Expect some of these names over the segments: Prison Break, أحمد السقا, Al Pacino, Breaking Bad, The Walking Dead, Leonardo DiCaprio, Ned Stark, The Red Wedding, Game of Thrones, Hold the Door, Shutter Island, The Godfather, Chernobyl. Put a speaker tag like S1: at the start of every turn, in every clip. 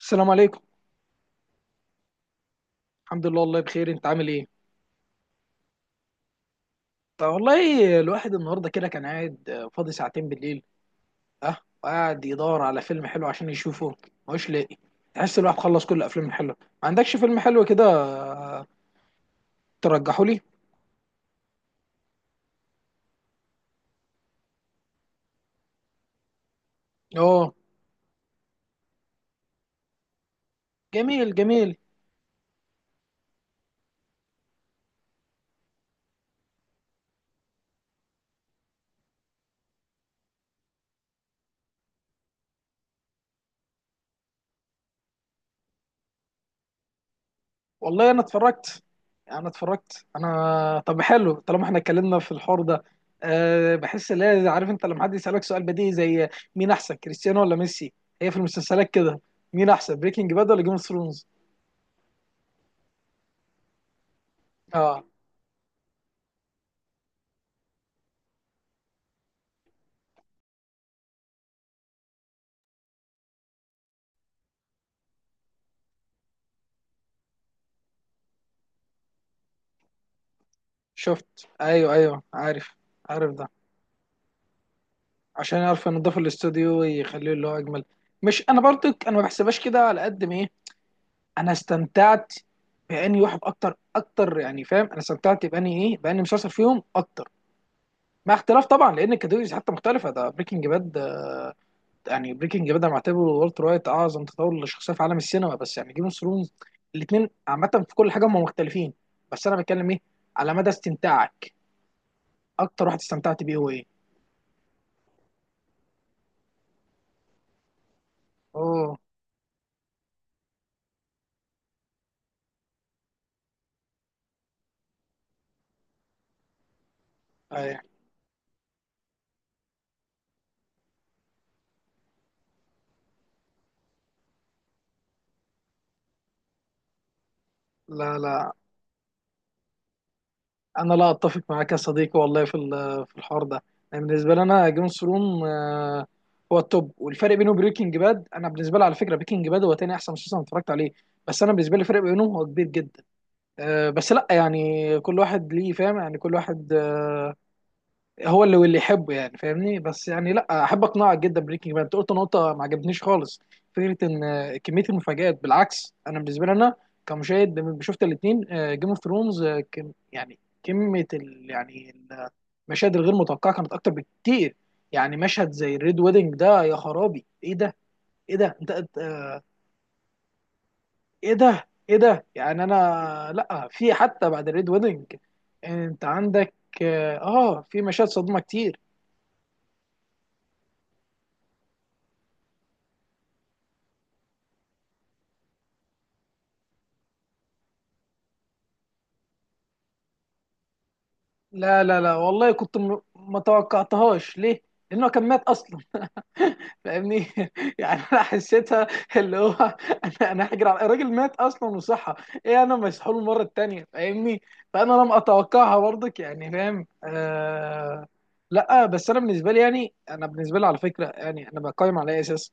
S1: السلام عليكم. الحمد لله والله بخير، انت عامل ايه؟ طب والله الواحد النهارده كده كان قاعد فاضي ساعتين بالليل. اه. وقاعد يدور على فيلم حلو عشان يشوفه، مش لاقي. تحس الواحد خلص كل الافلام الحلوه. ما عندكش فيلم حلو كده ترجحه لي؟ اه، جميل جميل. والله انا اتفرجت. انا طب حلو، طالما احنا اتكلمنا في الحوار ده، بحس ان عارف انت لما حد يسالك سؤال بديهي زي مين احسن، كريستيانو ولا ميسي؟ هي في المسلسلات كده، مين احسن، بريكنج باد ولا جيم اوف ثرونز؟ اه، شفت، ايوه ايوه عارف. عارف ده عشان يعرفوا ينضفوا الاستوديو ويخليه اللي هو اجمل. مش انا برضك، انا ما بحسبهاش كده، على قد ما ايه، انا استمتعت باني واحد اكتر اكتر، يعني فاهم، انا استمتعت باني ايه، باني مسلسل فيهم اكتر، مع اختلاف طبعا لان الكاتيجوريز حتى مختلفه، ده بريكنج باد. يعني بريكنج باد انا معتبره والتر وايت اعظم تطور للشخصيه في عالم السينما، بس يعني جيم اوف ثرونز، الاثنين عامه في كل حاجه هم مختلفين. بس انا بتكلم ايه، على مدى استمتاعك، اكتر واحد استمتعت بيه هو ايه؟ اوه. أي. لا لا، أنا لا أتفق معاك يا صديقي والله في في الحوار ده. يعني بالنسبة لي، أنا جيم اوف ثرون هو التوب، والفرق بينه وبريكنج باد، أنا بالنسبة لي على فكرة بريكنج باد هو تاني أحسن مسلسل أنا اتفرجت عليه، بس أنا بالنسبة لي الفرق بينهم هو كبير جدا. أه بس لا، يعني كل واحد ليه فاهم، يعني كل واحد هو اللي واللي يحبه، يعني فاهمني؟ بس يعني لا احب اقنعك جدا. بريكنج باد انت قلت نقطه ما عجبتنيش خالص، فكره ان كميه المفاجآت. بالعكس انا بالنسبه لي، انا كمشاهد لما شفت الاثنين، جيم اوف ثرونز يعني كميه ال، يعني المشاهد الغير متوقعه كانت اكتر بكتير. يعني مشهد زي الريد ويدنج ده، يا خرابي ايه ده؟ ايه ده؟ انت ايه ده؟ ايه ده؟ يعني انا لا، في حتى بعد الريد ويدنج انت عندك، اه في مشاهد صدمه كتير. لا لا لا والله كنت ما توقعتهاش. ليه؟ لأنه كان مات أصلا. فاهمني؟ يعني انا حسيتها اللي هو، انا هجري على الراجل، مات اصلا وصحى. ايه، انا مسحول المره التانيه، فاهمني؟ فانا لم اتوقعها برضك، يعني فاهم، آه. لا بس انا بالنسبه لي، يعني انا بالنسبه لي على فكره، يعني انا بقيم على اي اساس؟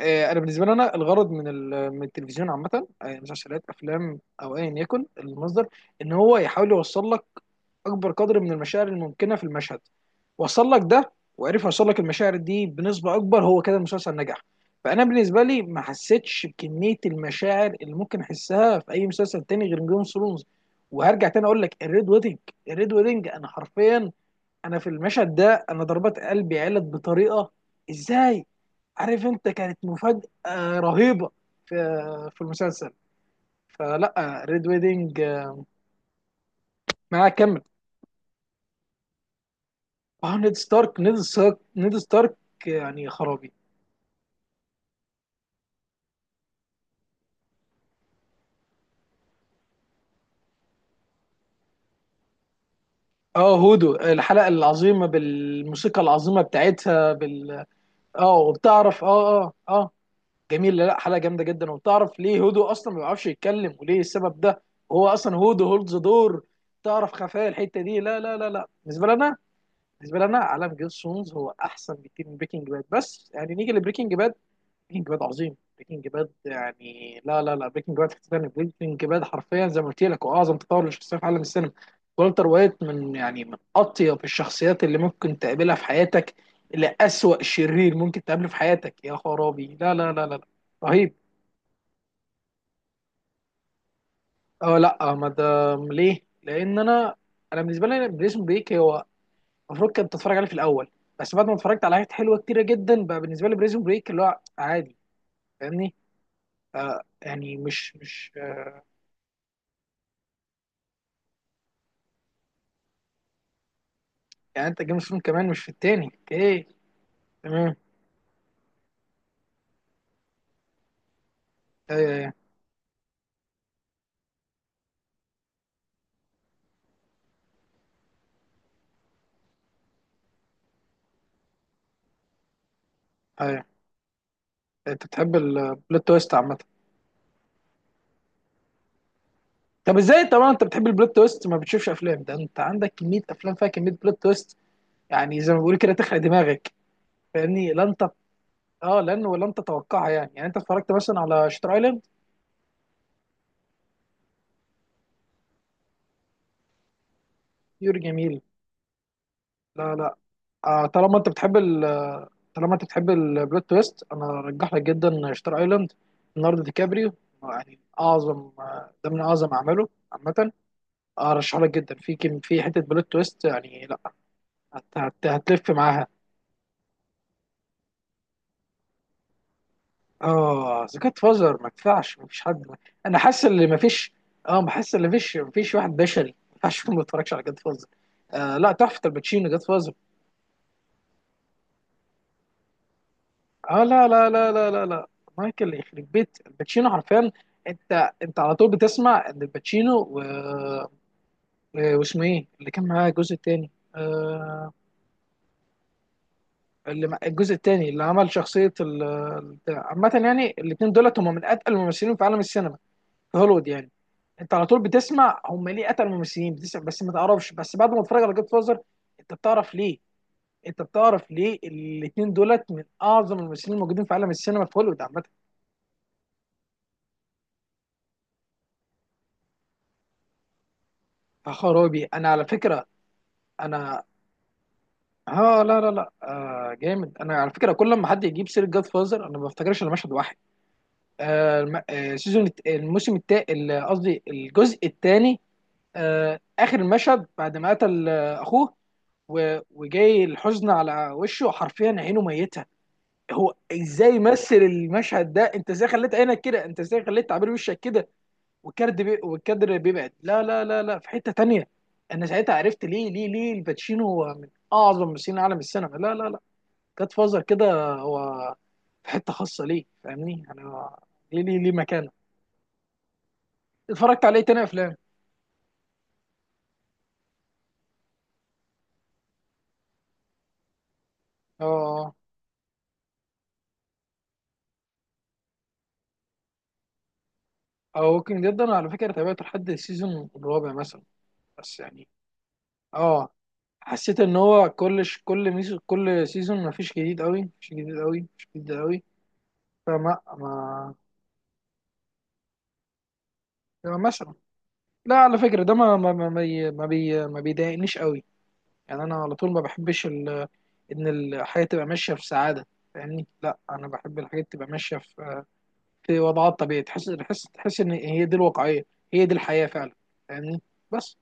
S1: انا بالنسبه لي، انا الغرض من من التلفزيون عامه، يعني مسلسلات، افلام، او ايا يكن المصدر، ان هو يحاول يوصل لك اكبر قدر من المشاعر الممكنه في المشهد. وصل لك ده وعرف يوصل لك المشاعر دي بنسبه اكبر، هو كده المسلسل نجح. فانا بالنسبه لي ما حسيتش بكميه المشاعر اللي ممكن احسها في اي مسلسل تاني غير جيم اوف ثرونز. وهرجع تاني اقول لك الريد ويدنج، الريد ويدنج انا حرفيا، انا في المشهد ده انا ضربات قلبي علت بطريقه، ازاي؟ عارف انت، كانت مفاجأة رهيبة في في المسلسل. فلا، ريد ويدنج، معاه كمل. اه، نيد ستارك، يعني خرابي. اه، هودو، الحلقة العظيمة بالموسيقى العظيمة بتاعتها بال، اه، وبتعرف، اه جميل، لا حلقة جامدة جدا. وبتعرف ليه هودو اصلا ما بيعرفش يتكلم، وليه السبب ده؟ هو اصلا هودو هولد ذا دور، تعرف خفايا الحتة دي. لا لا لا لا، بالنسبة لنا، بالنسبه لنا عالم جيم اوف ثرونز هو احسن بكتير من بريكنج باد، بس يعني نيجي لبريكنج باد، بريكنج باد عظيم، بريكنج باد يعني لا لا لا، بريكنج باد في تاني، بريكنج باد حرفيا زي ما قلت لك هو اعظم تطور للشخصيه في عالم السينما. والتر وايت من، يعني من اطيب الشخصيات اللي ممكن تقابلها في حياتك، لأسوأ شرير ممكن تقابله في حياتك، يا خرابي، لا لا لا لا, لا. رهيب. اه لا ما دام ليه، لان انا، انا بالنسبه لي بريزون بريك هو المفروض كنت اتفرج عليه في الاول، بس بعد ما اتفرجت على حاجات حلوه كتيره جدا، بقى بالنسبه لي بريزون بريك اللي هو عادي، فاهمني؟ يعني مش مش يعني انت جيمس بوند كمان مش في التاني، اوكي. تمام. ايوه ايوه. ايوه انت بتحب البلوت تويست عامه. طب ازاي طبعا انت بتحب البلوت تويست ما بتشوفش افلام؟ ده انت عندك كميه افلام فيها كميه بلوت تويست، يعني زي ما بيقولوا كده تخرق دماغك، فاهمني؟ لا انت، اه، لان ولا انت تتوقعها، يعني يعني انت اتفرجت مثلا على شتر ايلاند؟ يور جميل. لا لا طالما انت بتحب ال، طالما انت بتحب البلوت تويست، انا ارجح لك جدا شتار ايلاند. ليوناردو دي كابريو، يعني اعظم ده من اعظم اعماله عامه. ارشح لك جدا، في كم، في حته بلوت تويست، يعني لا، هت هتلف معاها. اه، ذا جاد فازر ما ينفعش، ما فيش حد، انا حاسس ان ما فيش، اه بحس ان ما فيش، ما فيش واحد بشري ما ينفعش يكون ما اتفرجش على جاد فازر. آه لا، تحفه، الباتشينو جاد فازر. اه لا لا لا لا لا لا، مايكل يخرب بيت الباتشينو حرفيا. انت على طول بتسمع ان الباتشينو و... واسمه ايه اللي كان معاه الجزء الثاني؟ آه... اللي الجزء الثاني، اللي عمل شخصيه ال... البتاع. عامه يعني الاثنين دولت هم من اتقل الممثلين في عالم السينما في هوليوود يعني. انت على طول بتسمع هم ليه اتقل الممثلين، بتسمع بس ما تعرفش، بس بعد ما تتفرج على جود فازر انت بتعرف ليه، انت بتعرف ليه الاثنين دولت من اعظم الممثلين الموجودين في عالم السينما في هوليوود عامه. يا خرابي انا على فكره، انا، ها لا لا لا جامد. انا على فكره كل لما حد يجيب سيره جاد فازر انا ما بفتكرش الا مشهد واحد، آه الم... آه سيزون الموسم التاني، قصدي الجزء الثاني، آه اخر المشهد، بعد ما قتل آه اخوه و... وجاي الحزن على وشه حرفيا، عينه ميته. هو ازاي مثل المشهد ده؟ انت ازاي خليت عينك كده؟ انت ازاي خليت تعبير وشك كده؟ والكادر بيبعد، لا لا لا لا، في حته تانيه. انا ساعتها عرفت ليه ليه ليه الباتشينو هو من اعظم ممثلين عالم السينما. لا لا، جاد فازر كده هو في حته خاصه ليه، فاهمني؟ انا ليه ليه ليه مكانه. اتفرجت عليه تاني افلام. اه. اه ووكينج ديد انا على فكره تابعته لحد السيزون الرابع مثلا، بس يعني، اه، حسيت ان هو كل كل سيزون ما فيش جديد قوي، مش جديد قوي، مش جديد قوي، فما ما، مثلا، لا على فكره ده ما بيضايقنيش قوي، يعني انا على طول ما بحبش ال... ان الحياه تبقى ماشيه في سعاده، فاهمني؟ لا انا بحب الحاجات تبقى ماشيه في، في وضعات طبيعية، تحس ان هي دي الواقعية، هي دي الحياة فعلا، فاهمني؟ بس.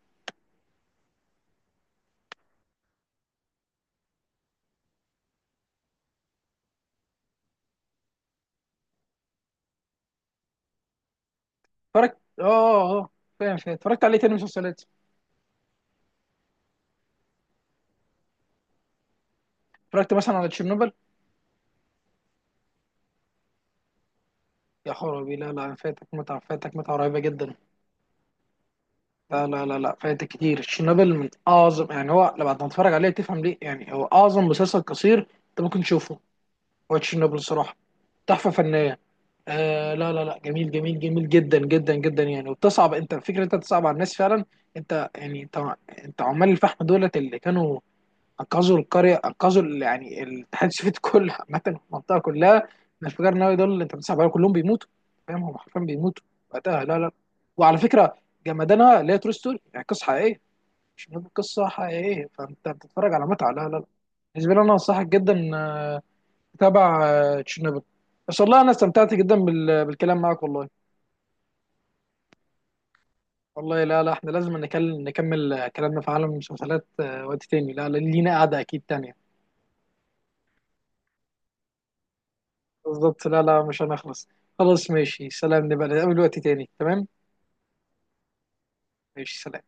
S1: اتفرجت، فاهم فاهم، اتفرجت عليه تاني مسلسلات، اتفرجت مثلا على تشيرنوبل. يا خرابي، لا لا، فاتك متعة، فاتك متعة رهيبة جدا. لا لا لا لا، فاتك كتير، تشيرنوبل من اعظم، يعني هو لما تتفرج عليه تفهم ليه، يعني هو اعظم مسلسل قصير انت ممكن تشوفه. هو تشيرنوبل الصراحة تحفة فنية. آه لا لا لا، جميل جميل جميل جدا جدا جدا، يعني وبتصعب انت، الفكره انت بتصعب على الناس فعلا. انت يعني انت، انت عمال الفحم دولت اللي كانوا انقذوا القريه انقذوا يعني الاتحاد السوفيتي كله عامه، المنطقه كلها من الانفجار النووي، دول اللي انت بتصعب عليهم كلهم بيموتوا، فاهم؟ هم حرفيا بيموتوا وقتها. لا لا، وعلى فكره جمدانها اللي هي ترو ستوري، يعني قصه حقيقيه، مش قصه حقيقيه، فانت بتتفرج على متعه. لا لا لا. بالنسبه لي انا انصحك جدا تبع تشيرنوبل. بس والله انا استمتعت جدا بالكلام معاك والله. والله لا لا، احنا لازم نكمل كلامنا في عالم المسلسلات وقت تاني. لا لا، لينا قعدة اكيد تانية. بالظبط، لا لا مش هنخلص. خلاص ماشي، سلام، نبقى نتقابل وقت تاني، تمام. ماشي، سلام.